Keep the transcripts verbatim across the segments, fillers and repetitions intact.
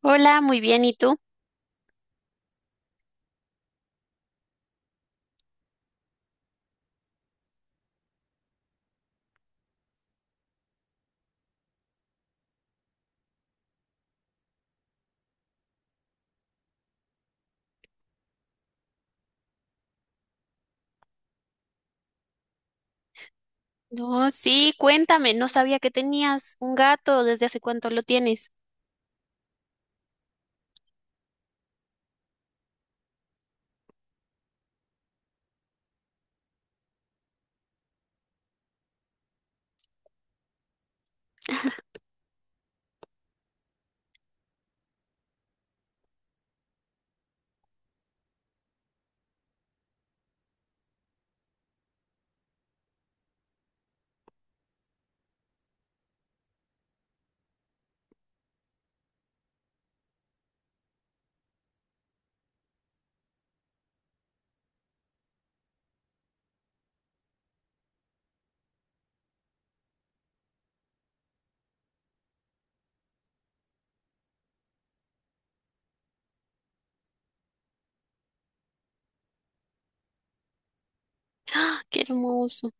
Hola, muy bien, ¿y tú? No, sí, cuéntame, no sabía que tenías un gato, ¿desde hace cuánto lo tienes? ¡Ah, qué hermoso!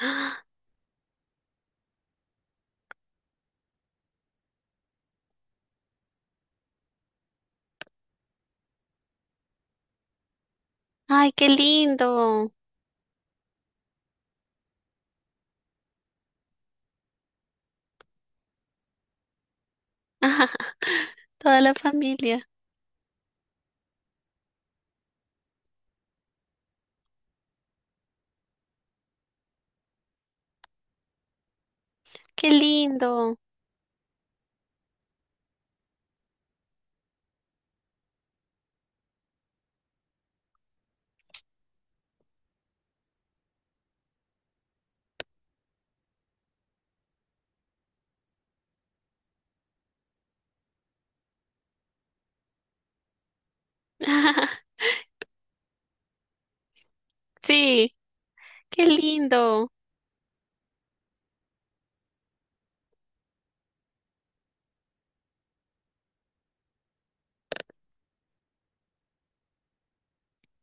¡Ah! ¡Ay, qué lindo! Toda la familia, qué lindo. Sí, qué lindo.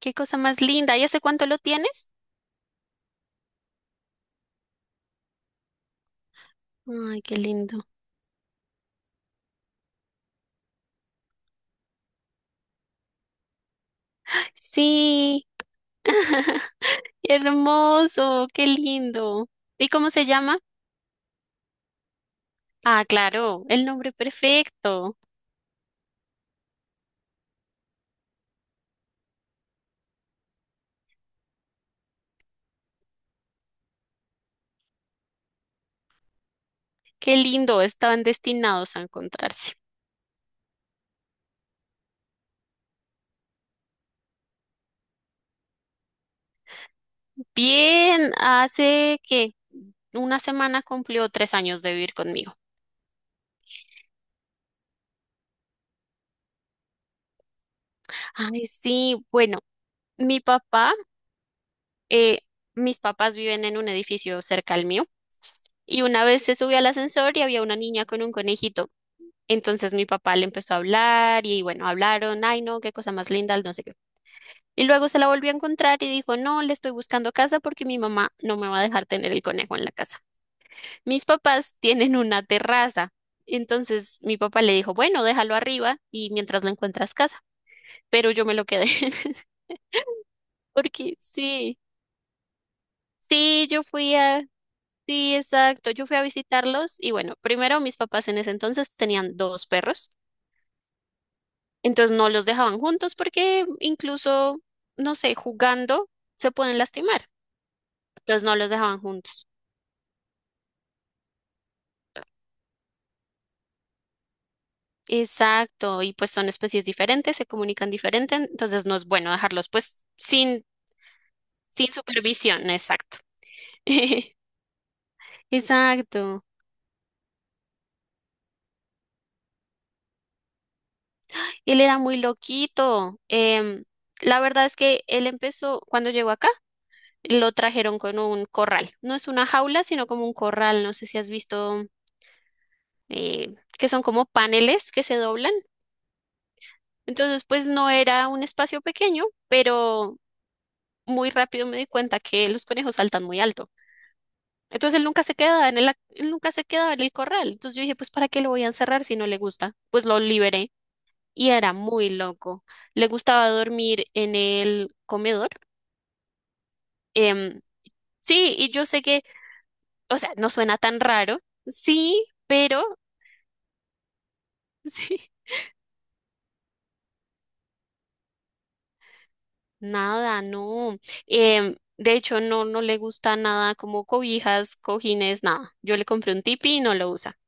Qué cosa más linda. ¿Y hace cuánto lo tienes? Ay, qué lindo. Sí, hermoso, qué lindo. ¿Y cómo se llama? Ah, claro, el nombre perfecto. Qué lindo, estaban destinados a encontrarse. Bien, hace que una semana cumplió tres años de vivir conmigo. Ay, sí, bueno, mi papá, eh, mis papás viven en un edificio cerca al mío y una vez se subió al ascensor y había una niña con un conejito. Entonces mi papá le empezó a hablar y bueno, hablaron, ay no, qué cosa más linda, no sé qué. Y luego se la volvió a encontrar y dijo, no, le estoy buscando casa porque mi mamá no me va a dejar tener el conejo en la casa. Mis papás tienen una terraza. Entonces mi papá le dijo, bueno, déjalo arriba y mientras lo encuentras casa. Pero yo me lo quedé. Porque sí, sí, yo fui a, sí, exacto, yo fui a visitarlos y bueno, primero mis papás en ese entonces tenían dos perros. Entonces no los dejaban juntos porque incluso, no sé, jugando se pueden lastimar. Entonces no los dejaban juntos. Exacto, y pues son especies diferentes, se comunican diferente, entonces no es bueno dejarlos pues sin Sin supervisión, exacto. Exacto. Él era muy loquito. Em, la verdad es que él empezó, cuando llegó acá, lo trajeron con un corral. No es una jaula, sino como un corral. No sé si has visto eh, que son como paneles que se doblan. Entonces, pues no era un espacio pequeño, pero muy rápido me di cuenta que los conejos saltan muy alto. Entonces él nunca se quedaba en el, ac- él nunca se quedaba en el corral. Entonces yo dije, pues ¿para qué lo voy a encerrar si no le gusta? Pues lo liberé. Y era muy loco. Le gustaba dormir en el comedor. Em, sí, y yo sé que, o sea, no suena tan raro, sí, pero sí, nada, no. Em, de hecho, no, no le gusta nada como cobijas, cojines, nada. Yo le compré un tipi y no lo usa.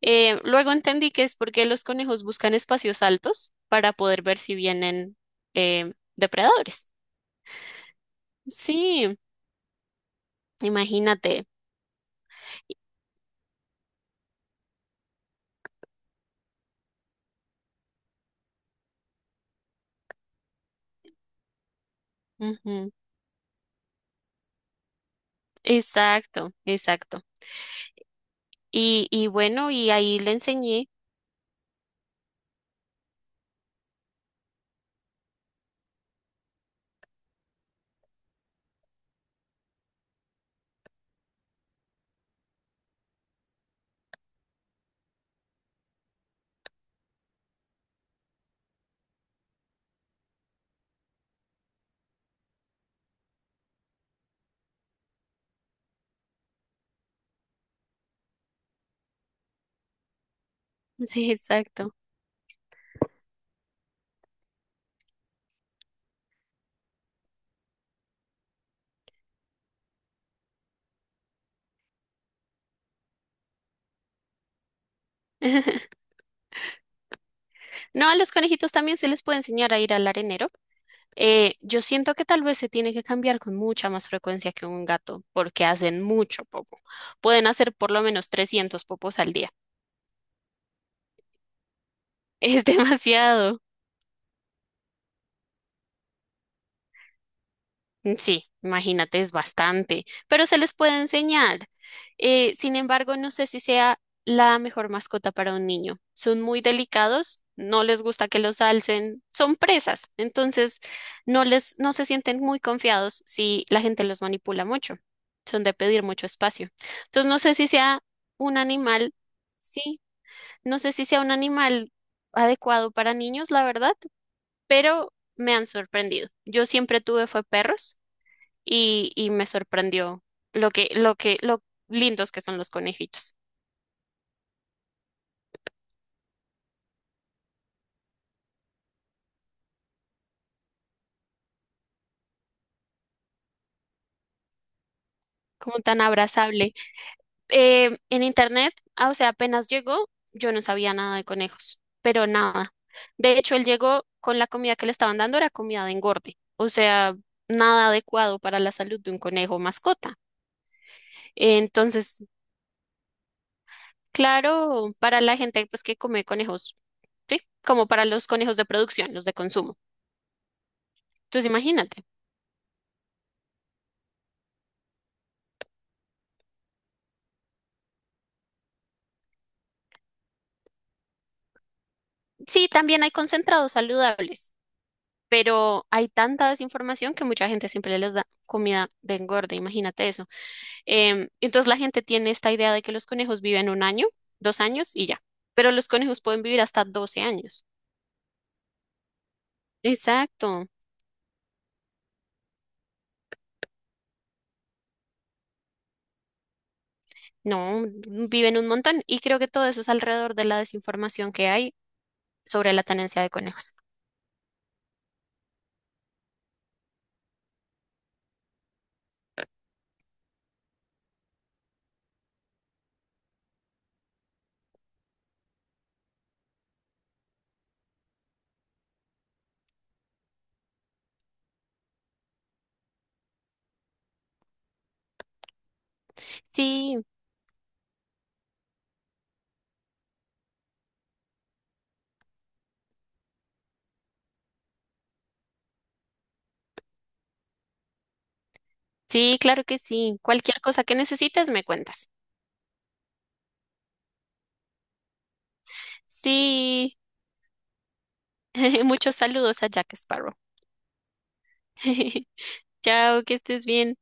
Em, luego entendí que es porque los conejos buscan espacios altos para poder ver si vienen em, depredadores. Sí, imagínate. Ujú, exacto, exacto. Y, y bueno, y ahí le enseñé. Sí, exacto. No, a los conejitos también se les puede enseñar a ir al arenero. Eh, yo siento que tal vez se tiene que cambiar con mucha más frecuencia que un gato, porque hacen mucho popo. Pueden hacer por lo menos trescientos popos al día. Es demasiado. Sí, imagínate, es bastante, pero se les puede enseñar. Eh, sin embargo, no sé si sea la mejor mascota para un niño. Son muy delicados, no les gusta que los alcen, son presas, entonces no les, no se sienten muy confiados si la gente los manipula mucho. Son de pedir mucho espacio. Entonces, no sé si sea un animal, sí, no sé si sea un animal adecuado para niños, la verdad, pero me han sorprendido. Yo siempre tuve fue perros y, y me sorprendió lo que, lo que, lo lindos que son los conejitos, como tan abrazable. Eh, en internet, ah, o sea, apenas llegó, yo no sabía nada de conejos, pero nada. De hecho, él llegó con la comida que le estaban dando, era comida de engorde, o sea, nada adecuado para la salud de un conejo mascota. Entonces, claro, para la gente pues que come conejos, ¿sí? Como para los conejos de producción, los de consumo. Entonces, imagínate. Sí, también hay concentrados saludables. Pero hay tanta desinformación que mucha gente siempre les da comida de engorde, imagínate eso. Em, entonces la gente tiene esta idea de que los conejos viven un año, dos años y ya, pero los conejos pueden vivir hasta doce años. Exacto, no, mm, viven un montón y creo que todo eso es alrededor de la desinformación que hay sobre la tenencia de conejos. Sí, sí, claro que sí. Cualquier cosa que necesites, me cuentas. Sí, muchos saludos a Jack Sparrow. Chao, que estés bien.